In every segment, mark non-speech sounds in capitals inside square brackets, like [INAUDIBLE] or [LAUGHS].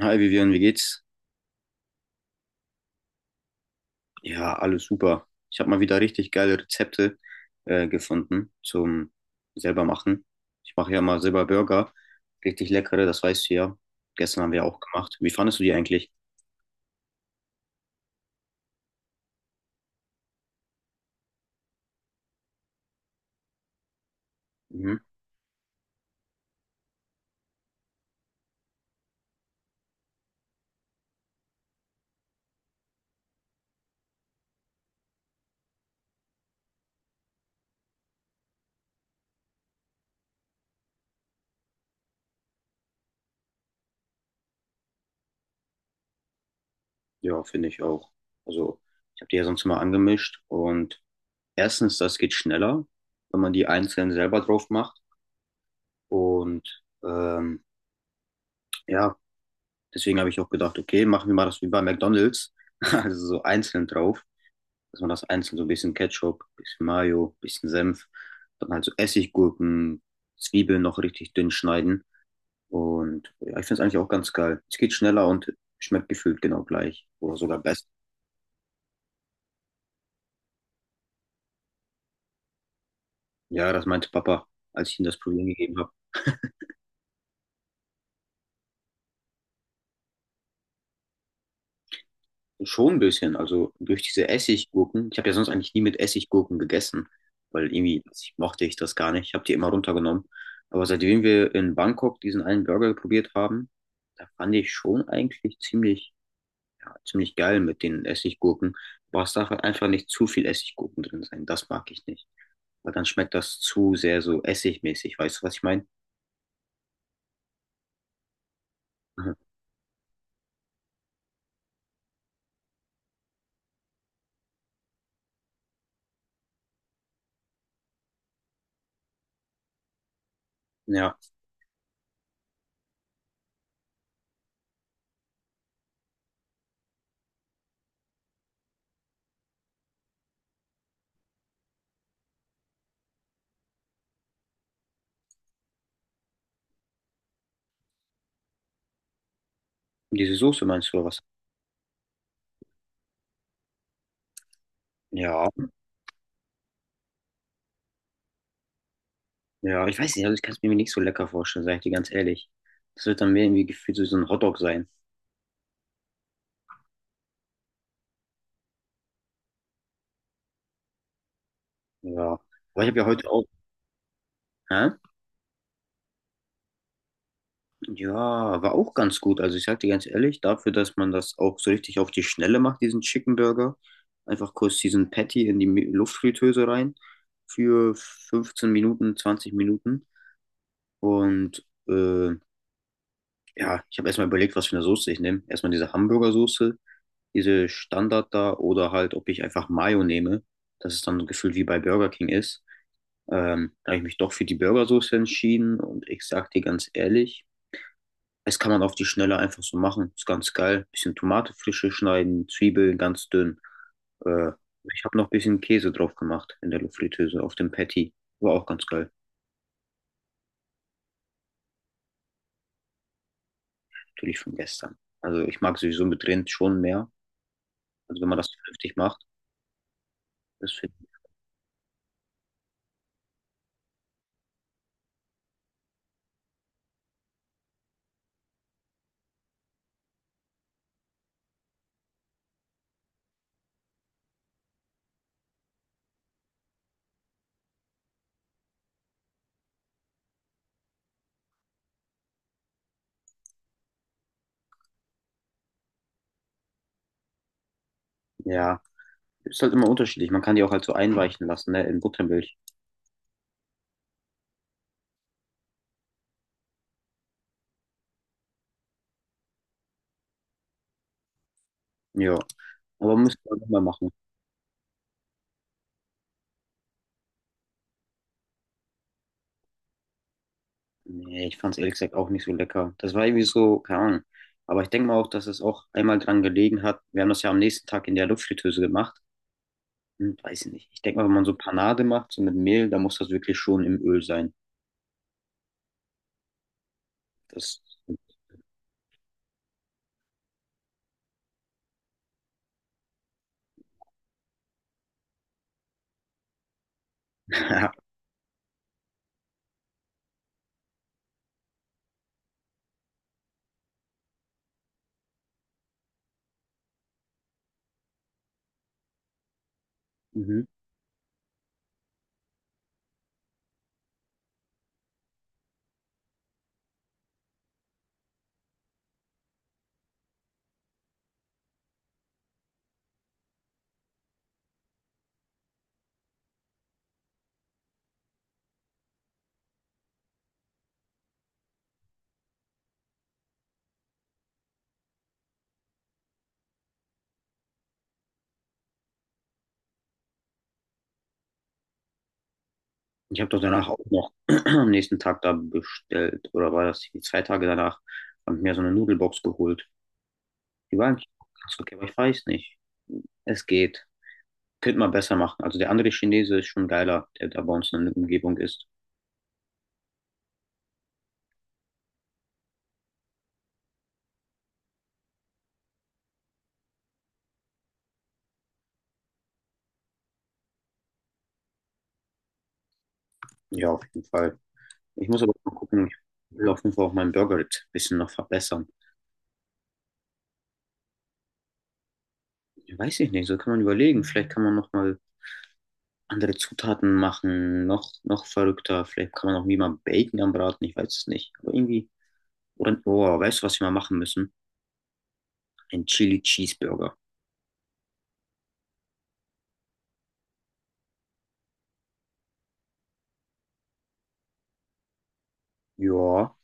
Hi Vivian, wie geht's? Ja, alles super. Ich habe mal wieder richtig geile Rezepte gefunden zum selber machen. Ich mache ja mal selber Burger, richtig leckere, das weißt du ja. Gestern haben wir auch gemacht. Wie fandest du die eigentlich? Mhm. Ja, finde ich auch. Also, ich habe die ja sonst immer angemischt und erstens, das geht schneller, wenn man die einzeln selber drauf macht. Und ja, deswegen habe ich auch gedacht, okay, machen wir mal das wie bei McDonald's, [LAUGHS] also so einzeln drauf. Dass man das einzeln so ein bisschen Ketchup, bisschen Mayo, bisschen Senf, dann halt so Essiggurken, Zwiebeln noch richtig dünn schneiden. Und ja, ich finde es eigentlich auch ganz geil. Es geht schneller und schmeckt gefühlt genau gleich oder sogar besser. Ja, das meinte Papa, als ich ihm das Probieren gegeben habe. Schon ein bisschen, also durch diese Essiggurken. Ich habe ja sonst eigentlich nie mit Essiggurken gegessen, weil irgendwie mochte ich das gar nicht. Ich habe die immer runtergenommen. Aber seitdem wir in Bangkok diesen einen Burger probiert haben, da fand ich schon eigentlich ziemlich, ja, ziemlich geil mit den Essiggurken. Aber es darf halt einfach nicht zu viel Essiggurken drin sein. Das mag ich nicht. Weil dann schmeckt das zu sehr so essigmäßig. Weißt du, was ich meine? Mhm. Ja, diese Soße meinst du oder was? Ja, ja, ich weiß nicht, also ich kann es mir nicht so lecker vorstellen, sage ich dir ganz ehrlich. Das wird dann mehr irgendwie gefühlt so ein Hotdog sein. Ja, aber ich habe ja heute auch, hä? Ja, war auch ganz gut. Also ich sag dir ganz ehrlich, dafür, dass man das auch so richtig auf die Schnelle macht, diesen Chicken Burger, einfach kurz diesen Patty in die Luftfritteuse rein für 15 Minuten, 20 Minuten. Und ja, ich habe erstmal überlegt, was für eine Soße ich nehme. Erstmal diese Hamburgersoße, diese Standard da oder halt, ob ich einfach Mayo nehme, dass es dann gefühlt wie bei Burger King ist. Da habe ich mich doch für die Burgersoße entschieden und ich sag dir ganz ehrlich, das kann man auf die Schnelle einfach so machen. Ist ganz geil. Bisschen Tomate frische schneiden, Zwiebeln ganz dünn. Äh, Ich habe noch ein bisschen Käse drauf gemacht in der Luftfritteuse auf dem Patty. War auch ganz geil. Natürlich von gestern. Also ich mag sowieso mit Rind schon mehr. Also wenn man das vernünftig macht. Das find, ja, ist halt immer unterschiedlich. Man kann die auch halt so einweichen lassen, ne, in Buttermilch. Ja, aber müsste man nochmal machen. Nee, ich fand es ehrlich gesagt auch nicht so lecker. Das war irgendwie so, keine Ahnung. Aber ich denke mal auch, dass es auch einmal dran gelegen hat. Wir haben das ja am nächsten Tag in der Luftfritteuse gemacht. Hm, weiß ich nicht. Ich denke mal, wenn man so Panade macht, so mit Mehl, dann muss das wirklich schon im Öl sein. Das, [LAUGHS] ja. Mhm. Ich habe doch danach auch noch [CLEARS THROAT] am nächsten Tag da bestellt, oder war das die zwei Tage danach, habe ich mir so eine Nudelbox geholt. Die war eigentlich ganz okay, aber ich weiß nicht. Es geht. Könnte man besser machen. Also der andere Chinese ist schon geiler, der da bei uns in der Umgebung ist. Ja, auf jeden Fall. Ich muss aber mal gucken, ich will auf jeden Fall auch mein Burger-Rezept ein bisschen noch verbessern. Weiß ich nicht, so kann man überlegen. Vielleicht kann man noch mal andere Zutaten machen, noch verrückter. Vielleicht kann man auch wie mal Bacon anbraten, ich weiß es nicht. Aber irgendwie, oder, oh, weißt du, was wir mal machen müssen? Ein Chili Cheeseburger. Ja,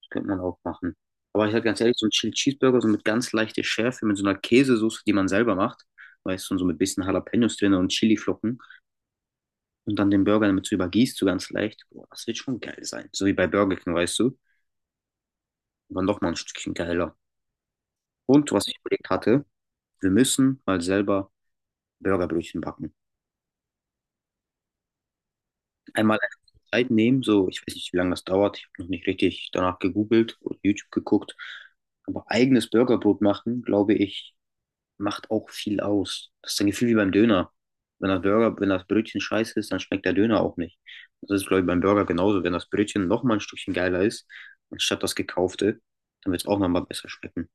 das könnte man auch machen. Aber ich sag ganz ehrlich, so ein Chili Cheeseburger, so mit ganz leichter Schärfe, mit so einer Käsesoße, die man selber macht, weißt du, und so mit bisschen Jalapenos drin und Chiliflocken und dann den Burger damit so übergießt, so ganz leicht. Boah, das wird schon geil sein. So wie bei Burger King, weißt du. Aber noch mal ein Stückchen geiler. Und was ich überlegt hatte, wir müssen mal selber Burgerbrötchen backen. Einmal Zeit nehmen, so ich weiß nicht, wie lange das dauert, ich habe noch nicht richtig danach gegoogelt oder YouTube geguckt, aber eigenes Burgerbrot machen, glaube ich, macht auch viel aus. Das ist ein Gefühl wie beim Döner. Wenn das Brötchen scheiße ist, dann schmeckt der Döner auch nicht. Das ist, glaube ich, beim Burger genauso. Wenn das Brötchen noch mal ein Stückchen geiler ist, anstatt das gekaufte, dann wird es auch noch mal besser schmecken.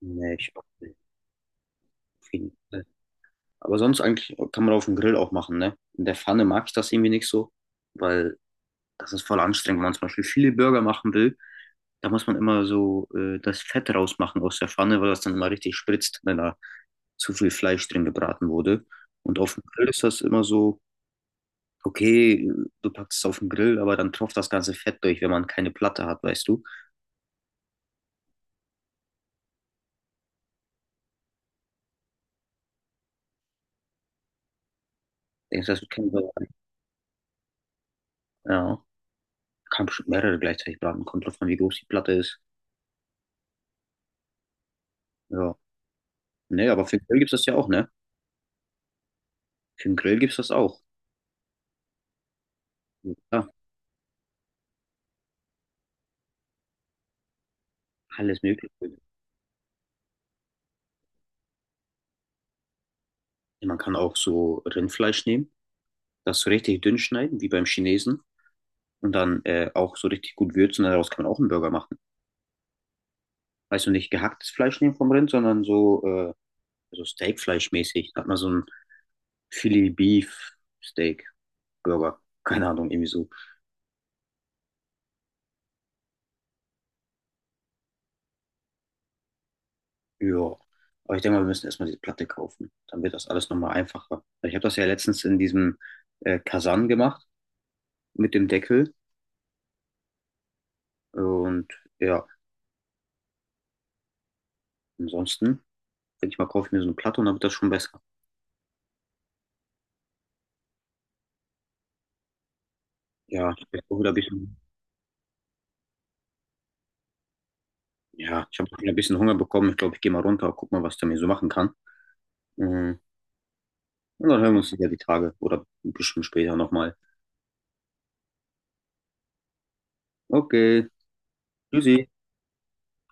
Nee, ich glaub, auf jeden Fall. Aber sonst eigentlich kann man auf dem Grill auch machen, ne? In der Pfanne mag ich das irgendwie nicht so, weil das ist voll anstrengend, wenn man zum Beispiel viele Burger machen will. Da muss man immer so das Fett rausmachen aus der Pfanne, weil das dann immer richtig spritzt, wenn da zu viel Fleisch drin gebraten wurde. Und auf dem Grill ist das immer so, okay, du packst es auf den Grill, aber dann tropft das ganze Fett durch, wenn man keine Platte hat, weißt du. Denkst du, das wird kein Burger. Ja, kann bestimmt mehrere gleichzeitig braten, kommt drauf an, wie groß die Platte ist. Ja, nee, aber für den Grill gibt's das ja auch, ne? Für den Grill gibt's das auch. Ja, alles mögliche. Man kann auch so Rindfleisch nehmen, das so richtig dünn schneiden, wie beim Chinesen. Und dann auch so richtig gut würzen. Daraus kann man auch einen Burger machen. Also nicht gehacktes Fleisch nehmen vom Rind, sondern so, so Steakfleischmäßig. Da hat man so ein Philly Beef Steak Burger. Keine Ahnung, irgendwie so. Ja. Aber ich denke mal, wir müssen erstmal diese Platte kaufen. Dann wird das alles nochmal einfacher. Ich habe das ja letztens in diesem Kasan gemacht mit dem Deckel. Und ja, ansonsten, denke ich mal, kaufe ich mir so eine Platte und dann wird das schon besser. Ja, ich bin auch wieder ein bisschen. Ja, ich habe ein bisschen Hunger bekommen. Ich glaube, ich gehe mal runter, guck mal, was der mir so machen kann. Mhm. Und dann hören wir uns wieder die Tage oder bestimmt später nochmal. Okay, tschüssi.